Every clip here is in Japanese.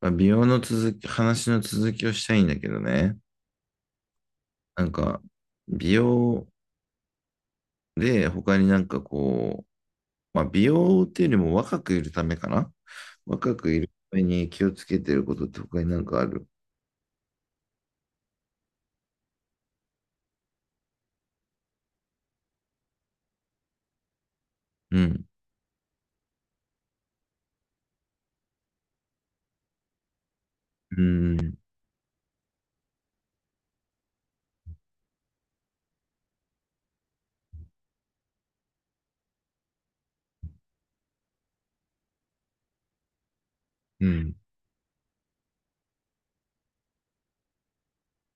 まあ、美容の続き、話の続きをしたいんだけどね。なんか、美容で他になんかこう、まあ、美容っていうよりも若くいるためかな。若くいるために気をつけてることって他になんかある？うん、うん、うん、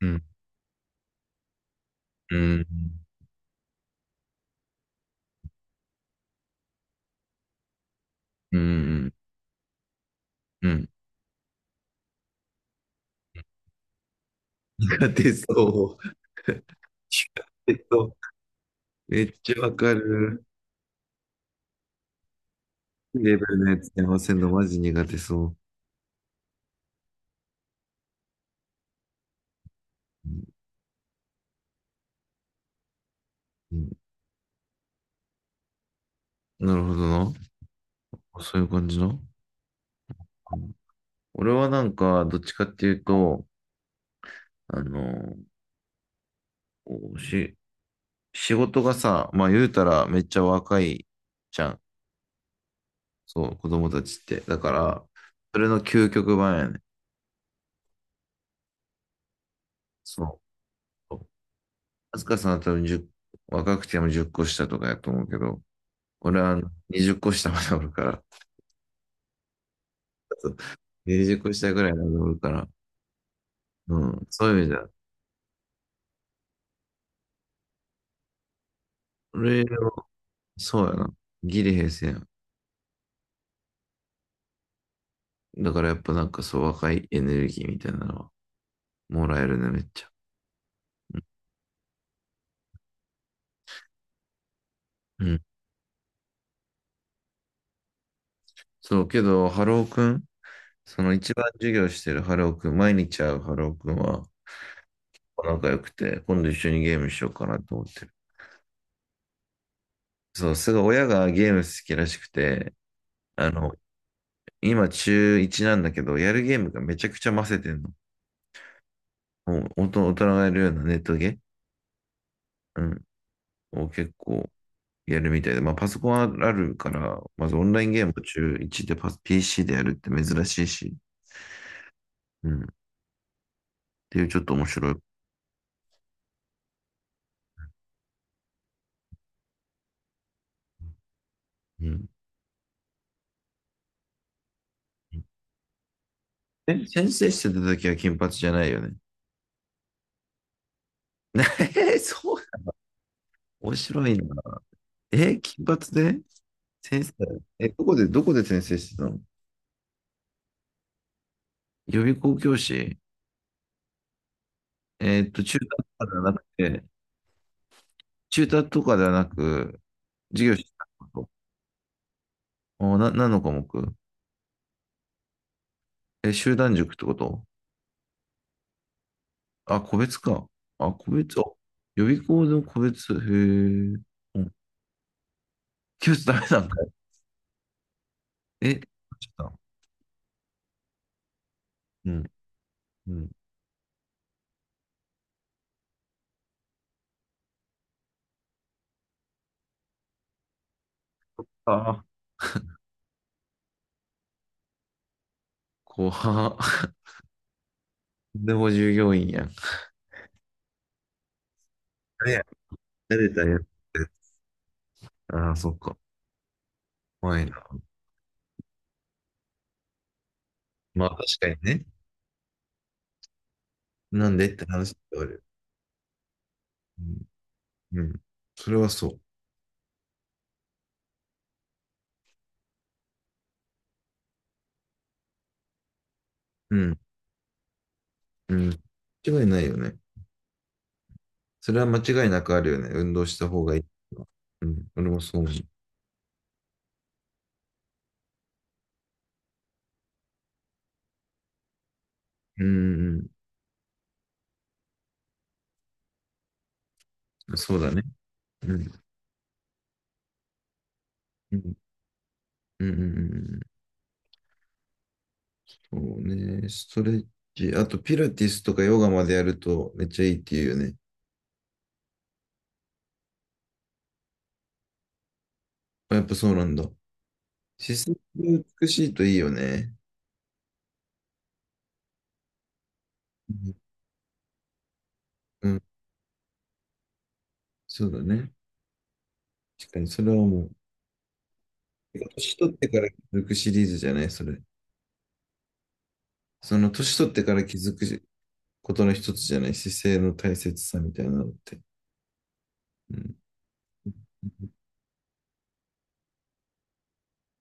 うん、うん、うん、うん。苦手そう。苦手そう。めっちゃわかる。レベルのやつに合わせるのマジ苦手そう。うん、なるほどな。そういう感じな。俺はなんか、どっちかっていうと、あの、こうし、仕事がさ、まあ言うたらめっちゃ若いじゃん。そう、子供たちって。だから、それの究極版やね。そう。あずかさんは多分じゅう若くても10個下とかやと思うけど、俺は20個下までおるから、20個下ぐらいまでおるから、うん、そういう意味じゃ、俺は、そうやな。ギリ平成やん。だからやっぱなんかそう、若いエネルギーみたいなのはもらえるね、めっちゃ。うん。そう、けど、ハローくん、その一番授業してるハローくん、毎日会うハローくんは仲良くて、今度一緒にゲームしようかなと思ってる。そう、すごい親がゲーム好きらしくて、あの、今中1なんだけど、やるゲームがめちゃくちゃ混せてんの。もう大人大人がやるようなネットゲー、うん、を結構やるみたいで、まあパソコンあるから、まずオンラインゲームを中1でPC でやるって珍しいし、うん、っていうちょっと面白い。うん。え、先生してた時は金髪じゃないよね。えー、そう、面白いな。えー、金髪で先生、え、どこで、先生してたの？予備校教師？中途とかではなくて、中途とかではなく、授業してたこと？お、何の科目？え、集団塾ってこと？あ、個別か。あ、個別、あ、予備校の個別、へえ、うん、教室ダメなんだ。え、ちょっと、うん、うん。ああ、怖っ。でも従業員やん。慣れたやつ。ああ、そっか。怖いな。まあ、確かにね。なんでって話ではある。うん。うん。それはそう。うん。うん。間違いないよね。それは間違いなくあるよね。運動した方がいいのは。うん。俺もそう思う。うんうんうん。そうだね。うん。うん。うんうんうんうん。そうね。ストレッチ。あと、ピラティスとかヨガまでやるとめっちゃいいっていうよね。あ、やっぱそうなんだ。姿勢が美しいといいよね。うん。うん、そうだね。確かに、それはもう。年取ってから気づくシリーズじゃないそれ？その年取ってから気づくことの一つじゃない、姿勢の大切さみたいなのって。うん。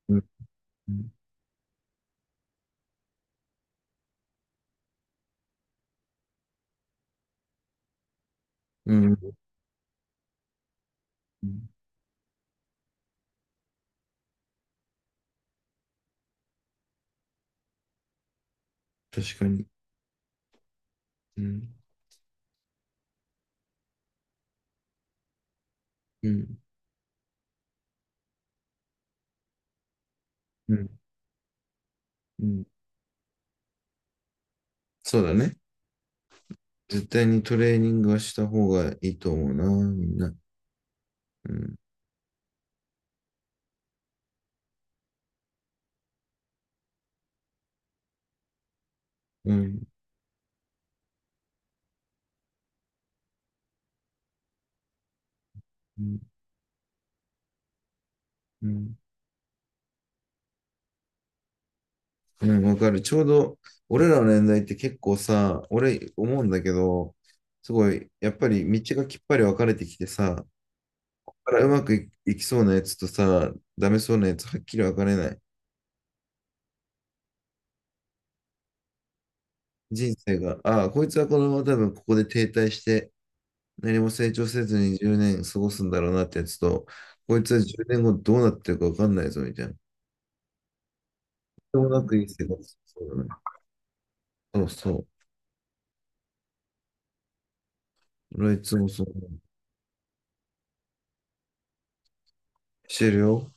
うん。うんうん、確かに。うん。うん。うん。うん、そうだね。絶対にトレーニングはした方がいいと思うな、みんな。うん。うん。うん。うん。うん、わかる。ちょうど、俺らの年代って結構さ、俺思うんだけど、すごい、やっぱり道がきっぱり分かれてきてさ、からうまくい、いきそうなやつとさ、ダメそうなやつはっきり分かれない？人生が、ああ、こいつはこのまま多分ここで停滞して、何も成長せずに10年過ごすんだろうなってやつと、こいつは10年後どうなってるか分かんないぞみたいな。ともなくいい生活そうだね。そうそう。俺はいつもそう思う。してるよ。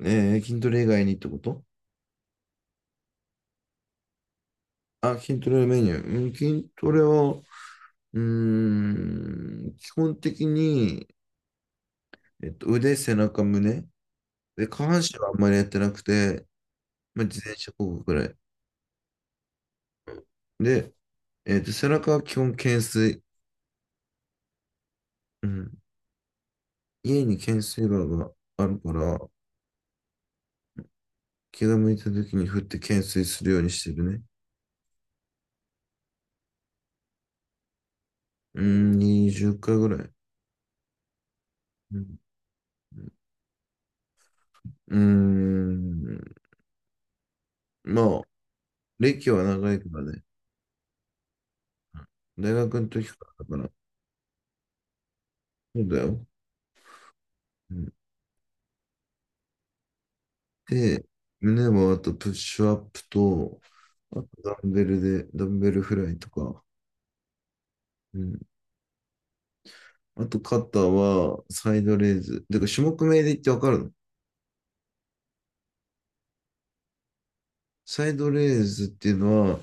ねえー、筋トレ以外にってこと？あ、筋トレのメニュー。うん、筋トレは、基本的に、腕、背中、胸。で、下半身はあんまりやってなくて、まあ、自転車こぐくらい。で、背中は基本懸垂。うん。家に懸垂バーがあるから、気が向いた時に振って懸垂するようにしてるね。うーん、20回ぐらい。うん。うーん。まあ、歴は長いからね。大学の時からだから。そうだよ。うん。で、胸もあとプッシュアップと、あとダンベルで、ダンベルフライとか。うん、あと肩はサイドレーズ。だから種目名で言ってわかるの？サイドレーズっていうのは、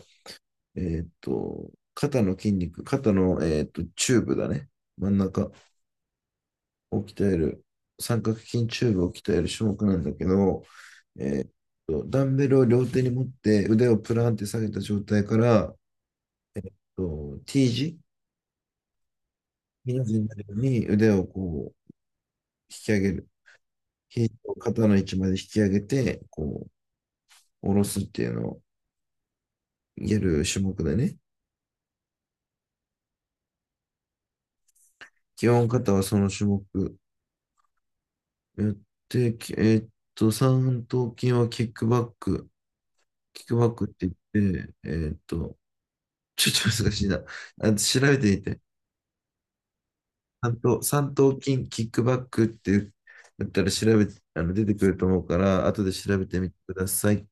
肩の筋肉、肩の、チューブだね。真ん中を鍛える、三角筋チューブを鍛える種目なんだけど、えっダンベルを両手に持って腕をプランって下げた状態から、と T 字、ひの字になるように腕をこう引き上げる。肩の位置まで引き上げて、こう、下ろすっていうのをやる種目だね。基本肩はその種目やって、きえーっと、三頭筋はキックバック。キックバックって言って、ちょっと難しいな。あ、調べてみて。三頭筋、キックバックって言ったら調べ、あの、出てくると思うから、後で調べてみてください。